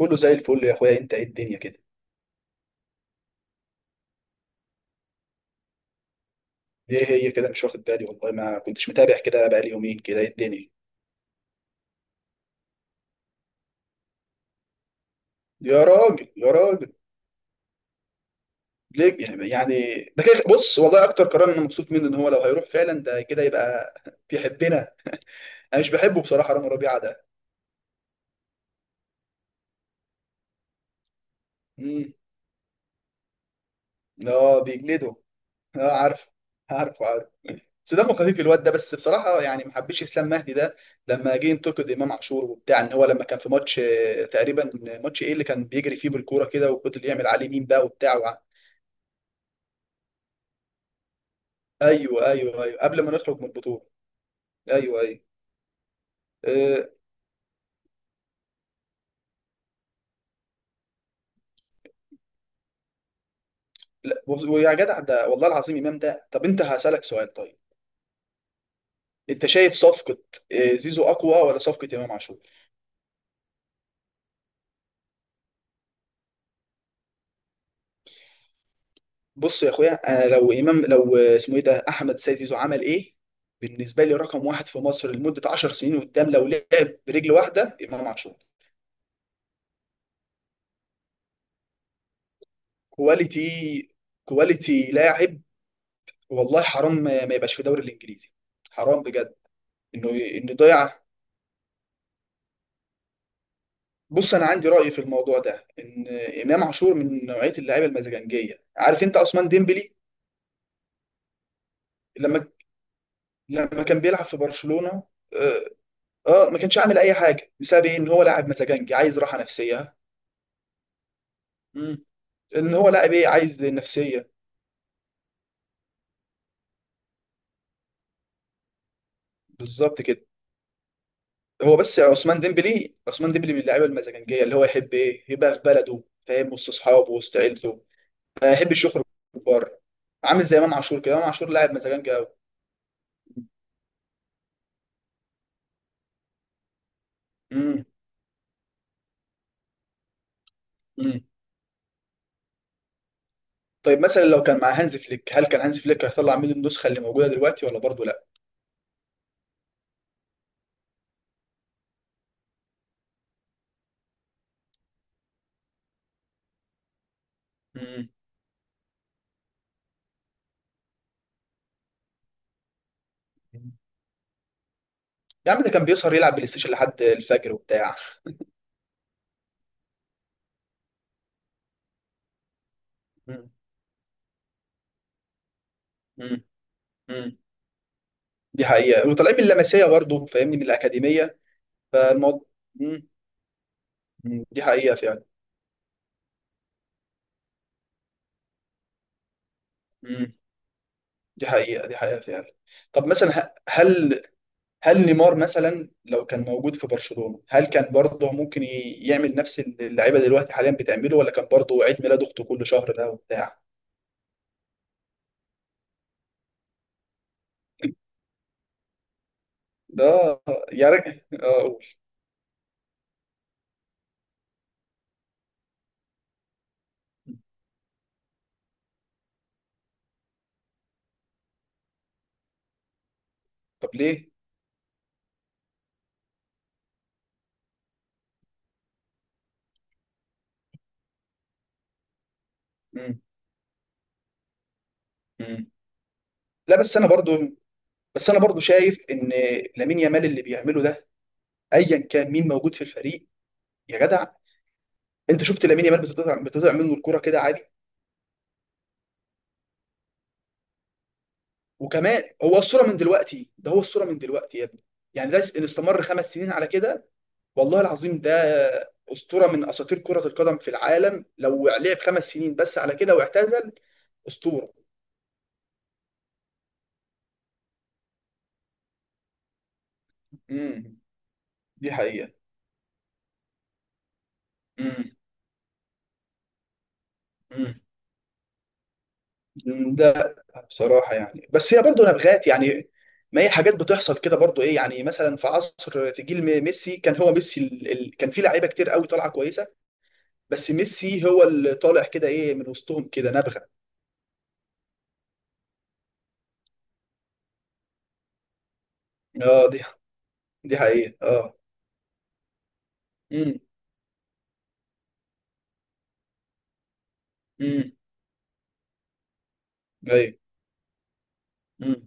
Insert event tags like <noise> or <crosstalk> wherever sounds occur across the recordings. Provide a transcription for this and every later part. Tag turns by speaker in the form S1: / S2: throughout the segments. S1: كله زي الفل يا اخويا، انت ايه الدنيا كده؟ ايه هي كده؟ مش واخد بالي، والله ما كنتش متابع كده بقالي يومين كده. ايه الدنيا؟ يا راجل يا راجل! ليه يعني ده كده؟ بص، والله اكتر قرار انا مبسوط منه ان هو لو هيروح فعلا، ده كده يبقى <laughs> بيحبنا. انا مش بحبه بصراحه، رامي ربيعه ده. امم. اه، بيجلده. اه عارف. عارف، عارف. بس دمه خفيف الواد ده، بس بصراحه يعني ما حبيتش اسلام مهدي ده لما جه ينتقد امام عاشور وبتاع، ان هو لما كان في ماتش تقريبا، ماتش ايه اللي كان بيجري فيه بالكوره كده، وفضل يعمل عليه ميم بقى وبتاع. ايوه، ايوه، ايوه، قبل ما نخرج من البطوله. ايوه، ايوه. أه. لا، ويا جدع، ده والله العظيم امام ده. طب انت هسالك سؤال، طيب. انت شايف صفقه زيزو اقوى ولا صفقه امام عاشور؟ بص يا اخويا، انا لو امام، لو اسمه ايه ده، احمد سيد زيزو عمل ايه، بالنسبه لي رقم واحد في مصر لمده 10 سنين قدام، لو لعب برجل واحده امام عاشور. كواليتي. كواليتي لاعب. والله حرام ما يبقاش في الدوري الانجليزي. حرام بجد. انه ضيع. بص انا عندي راي في الموضوع ده، ان امام عاشور من نوعيه اللعيبه المزاجنجيه. عارف انت عثمان ديمبلي؟ لما لما كان بيلعب في برشلونه. اه. ما كانش عامل اي حاجه، بسبب ايه؟ ان هو لاعب مزاجنجي عايز راحه نفسيه. مم. ان هو لاعب ايه، عايز نفسيه. بالظبط كده. هو بس عثمان ديمبلي من اللعيبه المزاجنجيه، اللي هو يحب ايه؟ يبقى في بلده، فاهم، وسط اصحابه، وسط عيلته. ما يحبش يخرج بره. عامل زي امام عاشور كده، امام عاشور لاعب مزاجنجي قوي. طيب مثلا لو كان مع هانز فليك، هل كان هانز فليك هيطلع منه النسخه اللي موجوده دلوقتي ولا برضه لا؟ امم. يا عم ده كان بيسهر يلعب بلاي ستيشن لحد الفجر وبتاع. مم. مم. مم. دي حقيقه، وطالعين من اللمسيه برضه، فاهمني، من الاكاديميه، فالموضوع. مم. مم. دي حقيقه فعلا. مم. دي حقيقه، دي حقيقه فعلا. طب مثلا هل، هل نيمار مثلا لو كان موجود في برشلونه، هل كان برضه ممكن يعمل نفس اللي اللعيبه دلوقتي حاليا بتعمله، ولا كان برضه عيد ميلاده كله شهر ده وبتاع؟ ده، يا راجل، اه قول. طب ليه؟ مم. مم. لا بس انا برضو شايف ان لامين يامال اللي بيعمله ده، ايا كان مين موجود في الفريق، يا جدع، انت شفت لامين يامال؟ بتطلع منه الكرة كده عادي. وكمان هو الصورة من دلوقتي، ده هو الصورة من دلوقتي يا ابني. يعني ده اللي استمر 5 سنين على كده، والله العظيم ده اسطورة من اساطير كرة القدم في العالم. لو لعب 5 سنين بس على كده واعتزل، اسطورة. امم. دي حقيقة. امم. لا، بصراحة يعني، بس هي برضه نبغات يعني. ما هي حاجات بتحصل كده برضه، ايه يعني؟ مثلا في عصر، في جيل ميسي، كان هو ميسي. كان في لعيبة كتير قوي طالعة كويسة، بس ميسي هو اللي طالع كده، ايه، من وسطهم كده نبغة. اه دي حقيقة اه. امم. امم. ايوه. امم.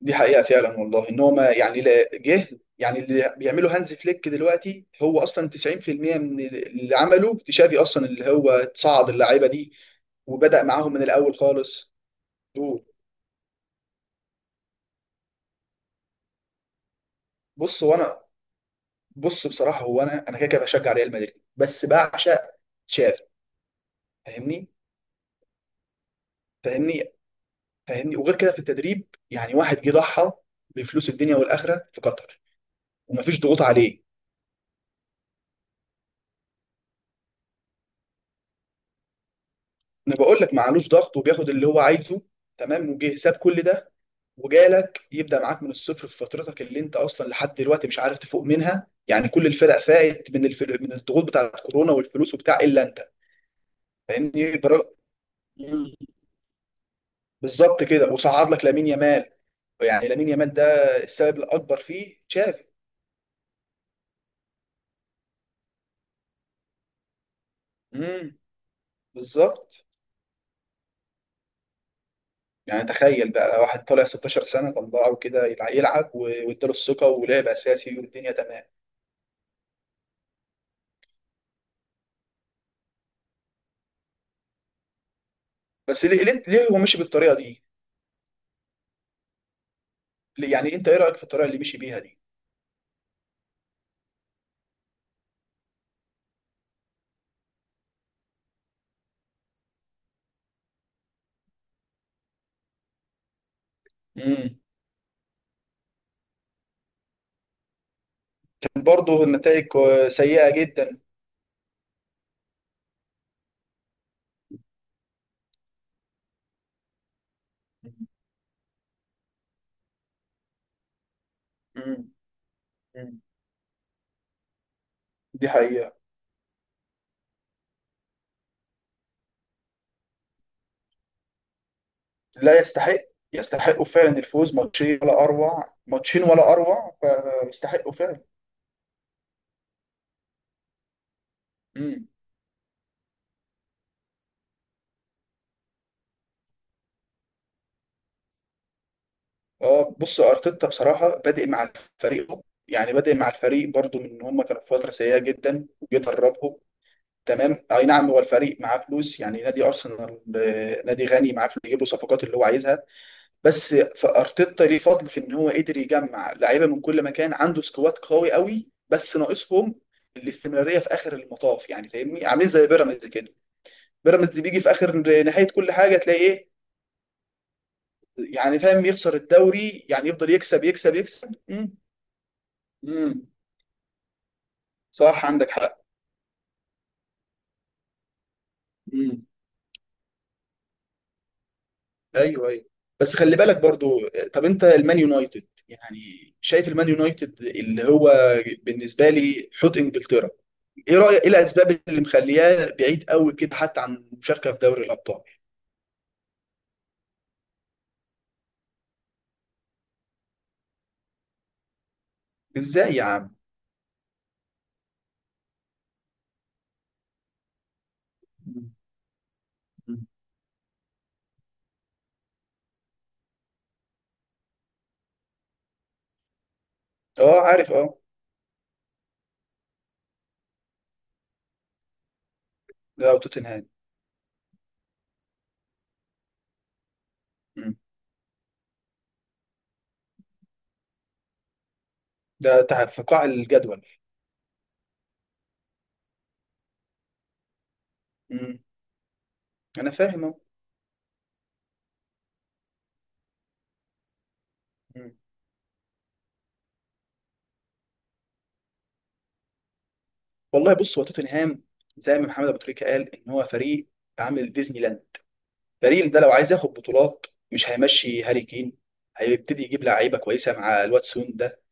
S1: دي حقيقة فعلا. والله ان هو ما يعني جه. يعني اللي بيعمله هانز فليك دلوقتي هو اصلا 90% من اللي عمله تشافي اصلا، اللي هو صعد اللعيبة دي وبدأ معاهم من الأول خالص. مظبوط. بص هو انا بص بصراحه هو انا كده كده بشجع ريال مدريد، بس بعشق تشافي. فاهمني. فاهمني. فاهمني، وغير كده في التدريب يعني. واحد جه ضحى بفلوس الدنيا والاخره في قطر، ومفيش ضغوط عليه. انا بقول لك معلوش ضغط، وبياخد اللي هو عايزه، تمام، وجه ساب كل ده وجالك يبدا معاك من الصفر في فترتك اللي انت اصلا لحد دلوقتي مش عارف تفوق منها، يعني كل الفرق فاقت من الفرق، من الضغوط بتاعت كورونا والفلوس وبتاع، الا انت. فاهمني بالظبط كده، وصعد لك لامين يامال. يعني لامين يامال ده السبب الاكبر فيه تشافي. امم. بالظبط. يعني تخيل بقى واحد طالع 16 سنه طلعه كده، يلعب، و- واداله الثقه، ولعب اساسي، والدنيا تمام. بس ليه، ليه هو مشي بالطريقه دي؟ يعني انت ايه رايك في الطريقه اللي مشي بيها دي؟ امم. كان برضه النتائج سيئه جدا. امم. امم. دي حقيقه. لا، يستحق. يستحقوا فعلا الفوز. ماتشين ولا اروع، ماتشين ولا اروع. فيستحقوا فعلا. مم. اه بص، ارتيتا بصراحه بادئ مع الفريق، يعني بادئ مع الفريق برضو من ان هم كانوا في فتره سيئه جدا، وجه دربهم، تمام. اي نعم، هو الفريق معاه فلوس، يعني نادي ارسنال نادي غني معاه فلوس يجيب له صفقات اللي هو عايزها، بس فارتيتا ليه فضل في ان هو قدر يجمع لعيبه من كل مكان، عنده سكواد قوي قوي، بس ناقصهم الاستمراريه في اخر المطاف. يعني فاهمني، عاملين زي بيراميدز كده. بيراميدز بيجي في اخر نهايه كل حاجه تلاقي ايه؟ يعني فاهم، يخسر الدوري، يعني يفضل يكسب يكسب يكسب. امم. صح، عندك حق. امم. ايوه، ايوه. بس خلي بالك برضو، طب انت المان يونايتد يعني، شايف المان يونايتد اللي هو بالنسبه لي حوت انجلترا، ايه رايك، ايه الاسباب اللي مخلياه بعيد قوي كده حتى عن المشاركه في دوري الابطال؟ ازاي يا عم؟ مم. مم. اه عارف، اه. ده توتنهام. مم. ده في قاع الجدول. مم. انا فاهم اهو. مم. والله بص، هو توتنهام زي ما محمد ابو تريكه قال، ان هو فريق عامل ديزني لاند. باريس ده لو عايز ياخد بطولات، مش هيمشي هاري كين، هيبتدي يجيب لعيبه كويسه مع الواتسون ده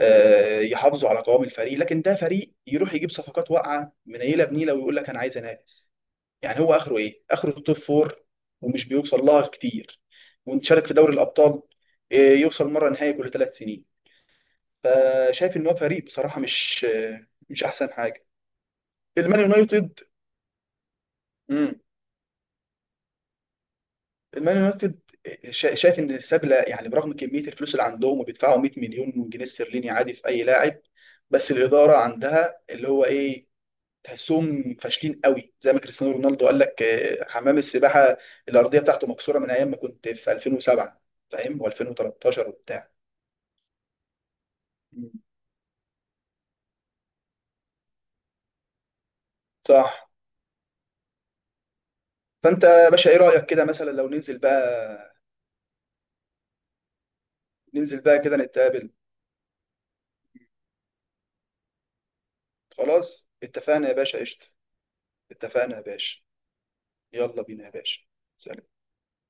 S1: يحافظوا على قوام الفريق، لكن ده فريق يروح يجيب صفقات واقعه منيله بنيله ويقول لك انا عايز انافس. يعني هو اخره ايه؟ اخره التوب فور، ومش بيوصل لها كتير. ونشارك في دوري الابطال، يوصل مره نهائي كل 3 سنين. فشايف ان هو فريق بصراحه مش، مش احسن حاجه. المان يونايتد. المان يونايتد، شايف ان سابله، يعني برغم كميه الفلوس اللي عندهم وبيدفعوا 100 مليون جنيه استرليني عادي في اي لاعب، بس الاداره عندها اللي هو ايه، تحسهم فاشلين قوي. زي ما كريستيانو رونالدو قال لك، حمام السباحه، الارضيه بتاعته مكسوره من ايام ما كنت في 2007، فاهم، و2013 وبتاع. مم. صح. فانت يا باشا ايه رايك كده مثلا، لو ننزل بقى؟ ننزل بقى كده نتقابل. خلاص، اتفقنا يا باشا، قشطه. اتفقنا يا باشا. يلا بينا يا باشا. سلام.